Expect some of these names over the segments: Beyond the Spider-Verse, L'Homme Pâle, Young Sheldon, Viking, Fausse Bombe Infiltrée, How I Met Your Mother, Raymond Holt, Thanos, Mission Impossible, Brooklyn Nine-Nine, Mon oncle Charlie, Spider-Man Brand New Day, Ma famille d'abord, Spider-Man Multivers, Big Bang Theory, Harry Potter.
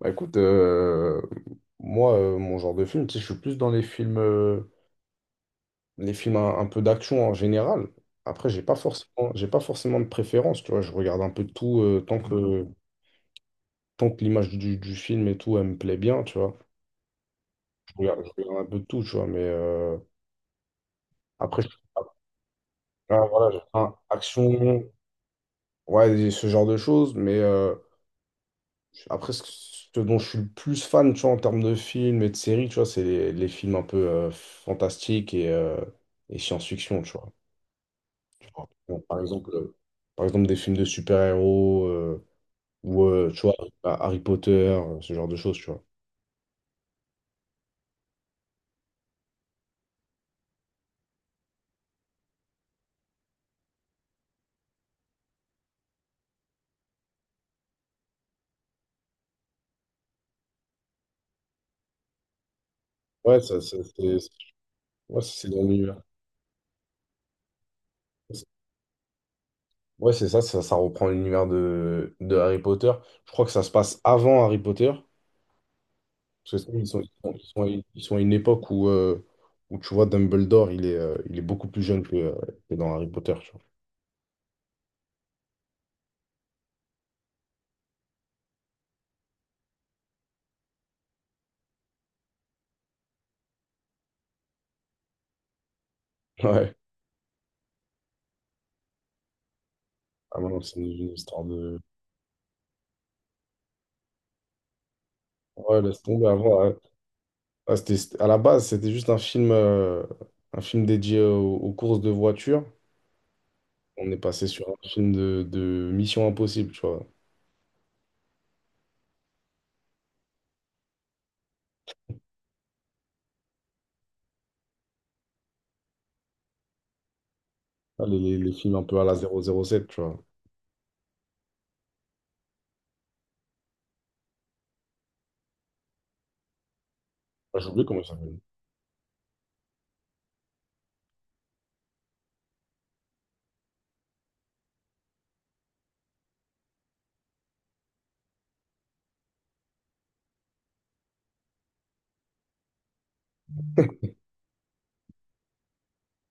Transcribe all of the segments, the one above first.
Bah écoute, moi, mon genre de film, tu sais, je suis plus dans les films un peu d'action en général. Après, j'ai pas forcément de préférence, tu vois. Je regarde un peu de tout tant que l'image du film et tout, elle me plaît bien, tu vois. Je regarde un peu de tout, tu vois. Mais après, je, ah, voilà, ah, action, ouais, ce genre de choses. Mais Après, ce ce dont je suis le plus fan, tu vois, en termes de films et de séries, tu vois, c'est les films un peu fantastiques et science-fiction, tu vois. Tu vois. Bon, par exemple, des films de super-héros ou, tu vois, Harry Potter, ce genre de choses, tu vois. Ouais, ça- c'est ouais, ça, c'est dans l'univers. Ouais, c'est ça, ça reprend l'univers de Harry Potter. Je crois que ça se passe avant Harry Potter. Parce que ça, ils sont à une époque où, où tu vois, Dumbledore, il est beaucoup plus jeune que dans Harry Potter, tu vois. Ouais. Ah ouais, non, c'est une histoire de… Ouais, laisse tomber, avant, ouais. Ah, à la base, c'était juste un film dédié aux, aux courses de voitures. On est passé sur un film de Mission Impossible, tu vois. Ah, les films un peu à la 007, tu vois. Ah, j'ai oublié comment il s'appelle.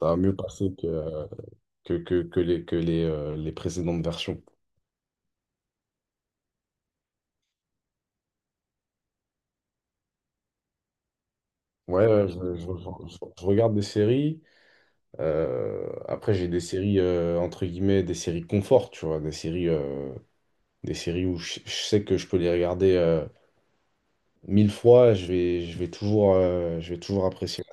Ça a mieux passé que, que les précédentes versions. Ouais, ouais, je regarde des séries. Après, j'ai des séries, entre guillemets, des séries confort, tu vois, des séries où je sais que je peux les regarder mille fois, je vais toujours apprécier.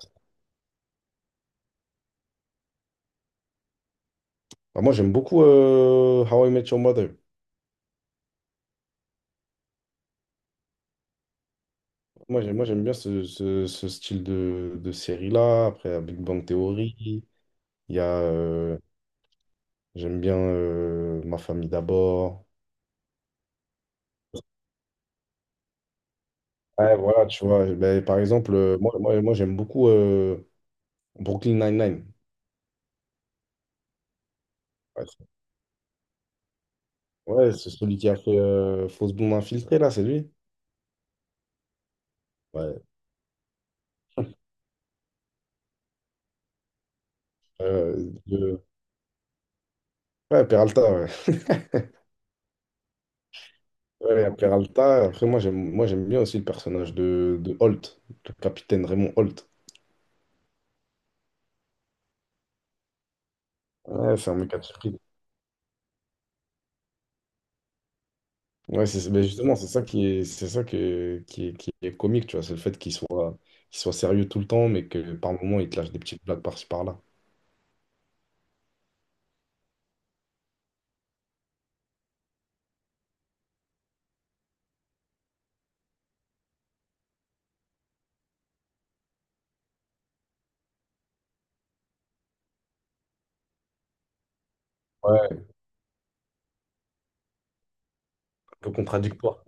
Enfin, moi, j'aime beaucoup How I Met Your Mother. Moi, j'aime bien ce style de série-là. Après, la Big Bang Theory, il y a, j'aime bien Ma famille d'abord. Ouais, voilà, tu vois, ben, par exemple, moi j'aime beaucoup Brooklyn Nine-Nine. Ouais, c'est ouais, c'est celui qui a fait Fausse Bombe Infiltrée, là, c'est lui. Ouais, Euh, de- ouais Peralta, ouais. Ouais, il Peralta. Après, moi, j'aime bien aussi le personnage de Holt, le capitaine Raymond Holt. Ouais, c'est un mec à surprise. Ouais, c'est, mais justement, c'est ça qui est, qui est comique, tu vois. C'est le fait qu'il soit sérieux tout le temps, mais que par moments, il te lâche des petites blagues par-ci, par-là. Ouais, un peu contradictoire.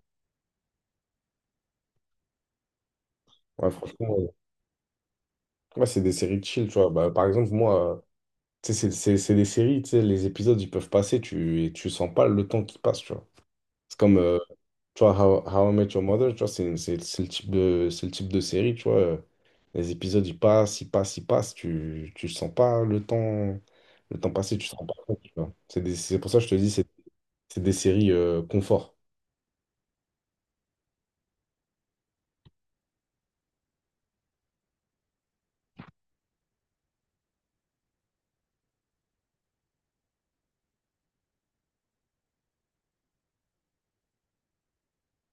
Ouais, franchement, ouais. Ouais, c'est des séries de chill, tu vois. Bah, par exemple, moi. Tu sais, c'est des séries, tu sais, les épisodes, ils peuvent passer, tu, et tu sens pas le temps qui passe, tu vois. C'est comme, tu vois, How I Met Your Mother, tu vois, c'est le type de, c'est le type de série, tu vois. Les épisodes, ils passent, tu sens pas le temps, le temps passer, tu sens pas compte, tu vois. C'est des- c'est pour ça que je te dis, c'est des séries confort.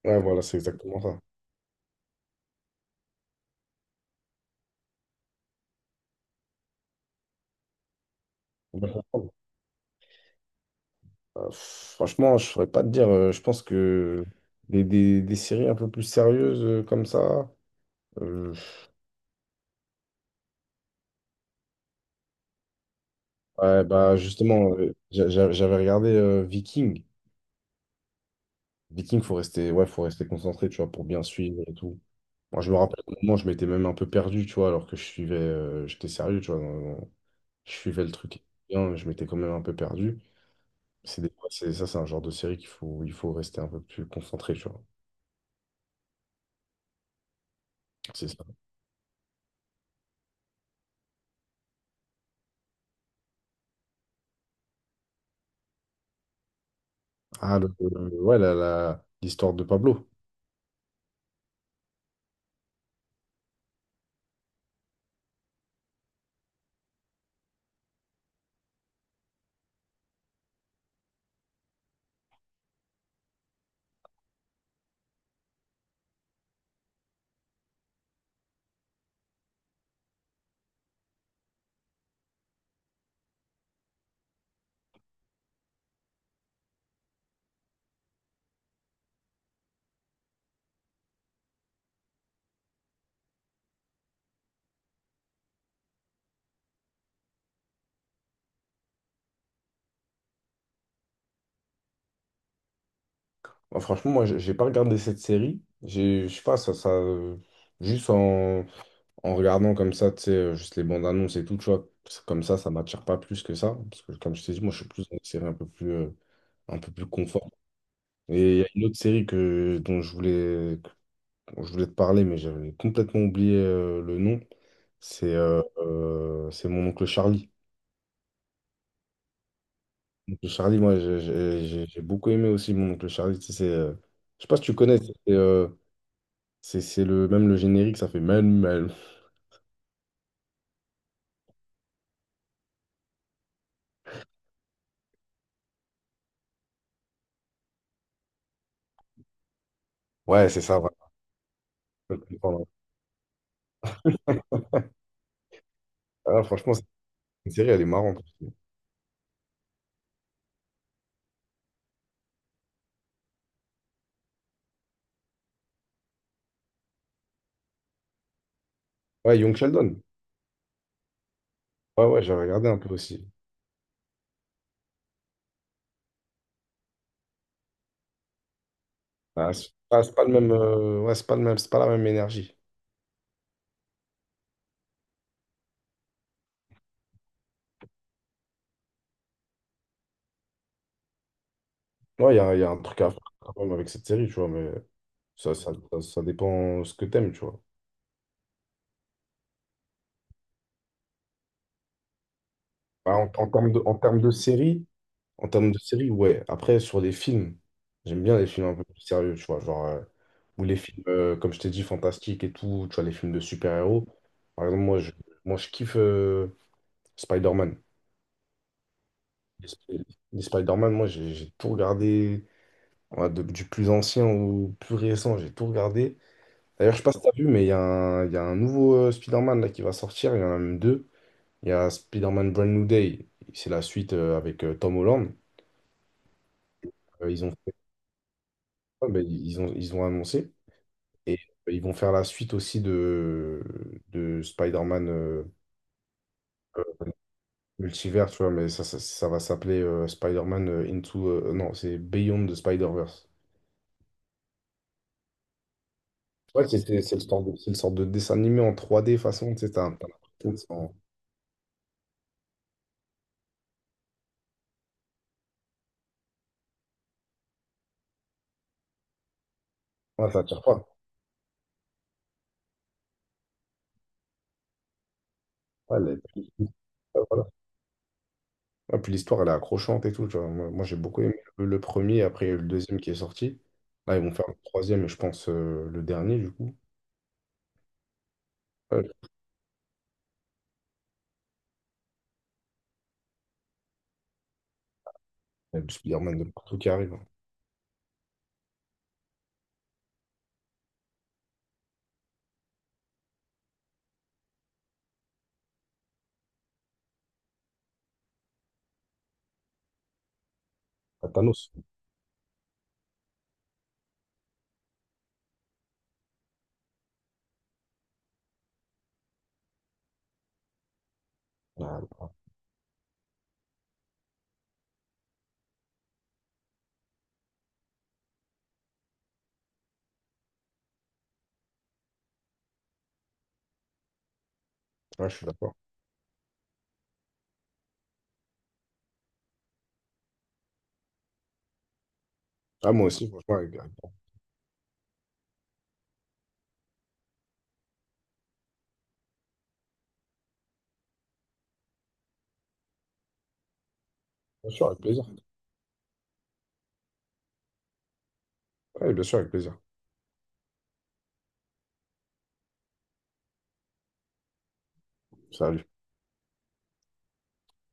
Ouais, voilà, c'est exactement ça. Faut bien comprendre. Franchement, je saurais pas te dire, je pense que des séries un peu plus sérieuses comme ça. euh, Ouais, bah justement, j'avais regardé Viking. Viking, ouais, faut rester concentré, tu vois, pour bien suivre et tout. Moi, je me rappelle qu'au moment, je m'étais même un peu perdu, tu vois, alors que je suivais, j'étais sérieux, tu vois. Je suivais le truc bien, mais je m'étais quand même un peu perdu. C'est des- c'est- ça, c'est un genre de série qu'il faut, il faut rester un peu plus concentré, tu vois. C'est ça. Ah, ouais, l'histoire de Pablo. Moi, franchement, moi, j'ai pas regardé cette série. J'ai, je sais pas, juste en. En regardant comme ça, tu sais, juste les bandes annonces et tout, tu vois, parce que comme ça m'attire pas plus que ça. Parce que, comme je t'ai dit, moi, je suis plus dans une série un peu plus confort. Et il y a une autre série que, dont je voulais te parler, mais j'avais complètement oublié le nom. C'est Mon oncle Charlie. Mon oncle Charlie, moi, j'ai beaucoup aimé aussi Mon oncle Charlie. Tu sais, c'est, je sais pas si tu connais, c'est le, même le générique, ça fait même. Même. Ouais, c'est ça, voilà. Ah, franchement, cette série, elle est marrante. Ouais, Young Sheldon. Ouais, ouais, j'ai regardé un peu aussi. Ah, c'est pas le même, ouais, c'est pas le même, c'est pas la même énergie. Ouais, il y a, y a un truc à faire quand même avec cette série, tu vois, mais ça dépend ce que t'aimes, tu vois. Bah, en termes de, en termes de série, ouais. Après, sur les films, j'aime bien les films un peu plus sérieux, tu vois, genre, ou les films, comme je t'ai dit, fantastiques et tout, tu vois, les films de super-héros. Par exemple, moi, je kiffe Spider-Man. Les, Sp- les Spider-Man, moi, j'ai tout regardé, ouais, du plus ancien au plus récent, j'ai tout regardé. D'ailleurs, je sais pas si t'as vu, mais il y a un nouveau Spider-Man là, qui va sortir. Il y en a même deux. Il y a Spider-Man Brand New Day. C'est la suite avec Tom Holland. Euh, ils ont fait- ouais, ben, ils ont annoncé. Et ils vont faire la suite aussi de Spider-Man Multivers, tu vois. Mais ça va s'appeler Spider-Man non, c'est Beyond the Spider-Verse. Ouais, c'est le sorte de, c'est le sorte de dessin animé en 3D façon. Tu sais, t'as l'impression que c'est en- Ouais, ça tire pas. Ouais, les- ouais, voilà. Ah, puis l'histoire, elle est accrochante et tout. Tu vois. Moi, j'ai beaucoup aimé le premier. Après, il y a eu le deuxième qui est sorti. Là, ils vont faire le troisième et je pense le dernier, du coup. Ouais, il y a du Spider-Man de partout qui arrive, hein. Ah, Thanos. Ah, ah, ouais, je suis d'accord. Ah, moi aussi, franchement, bien sûr, avec plaisir. Ouais, bien sûr, avec plaisir. Salut.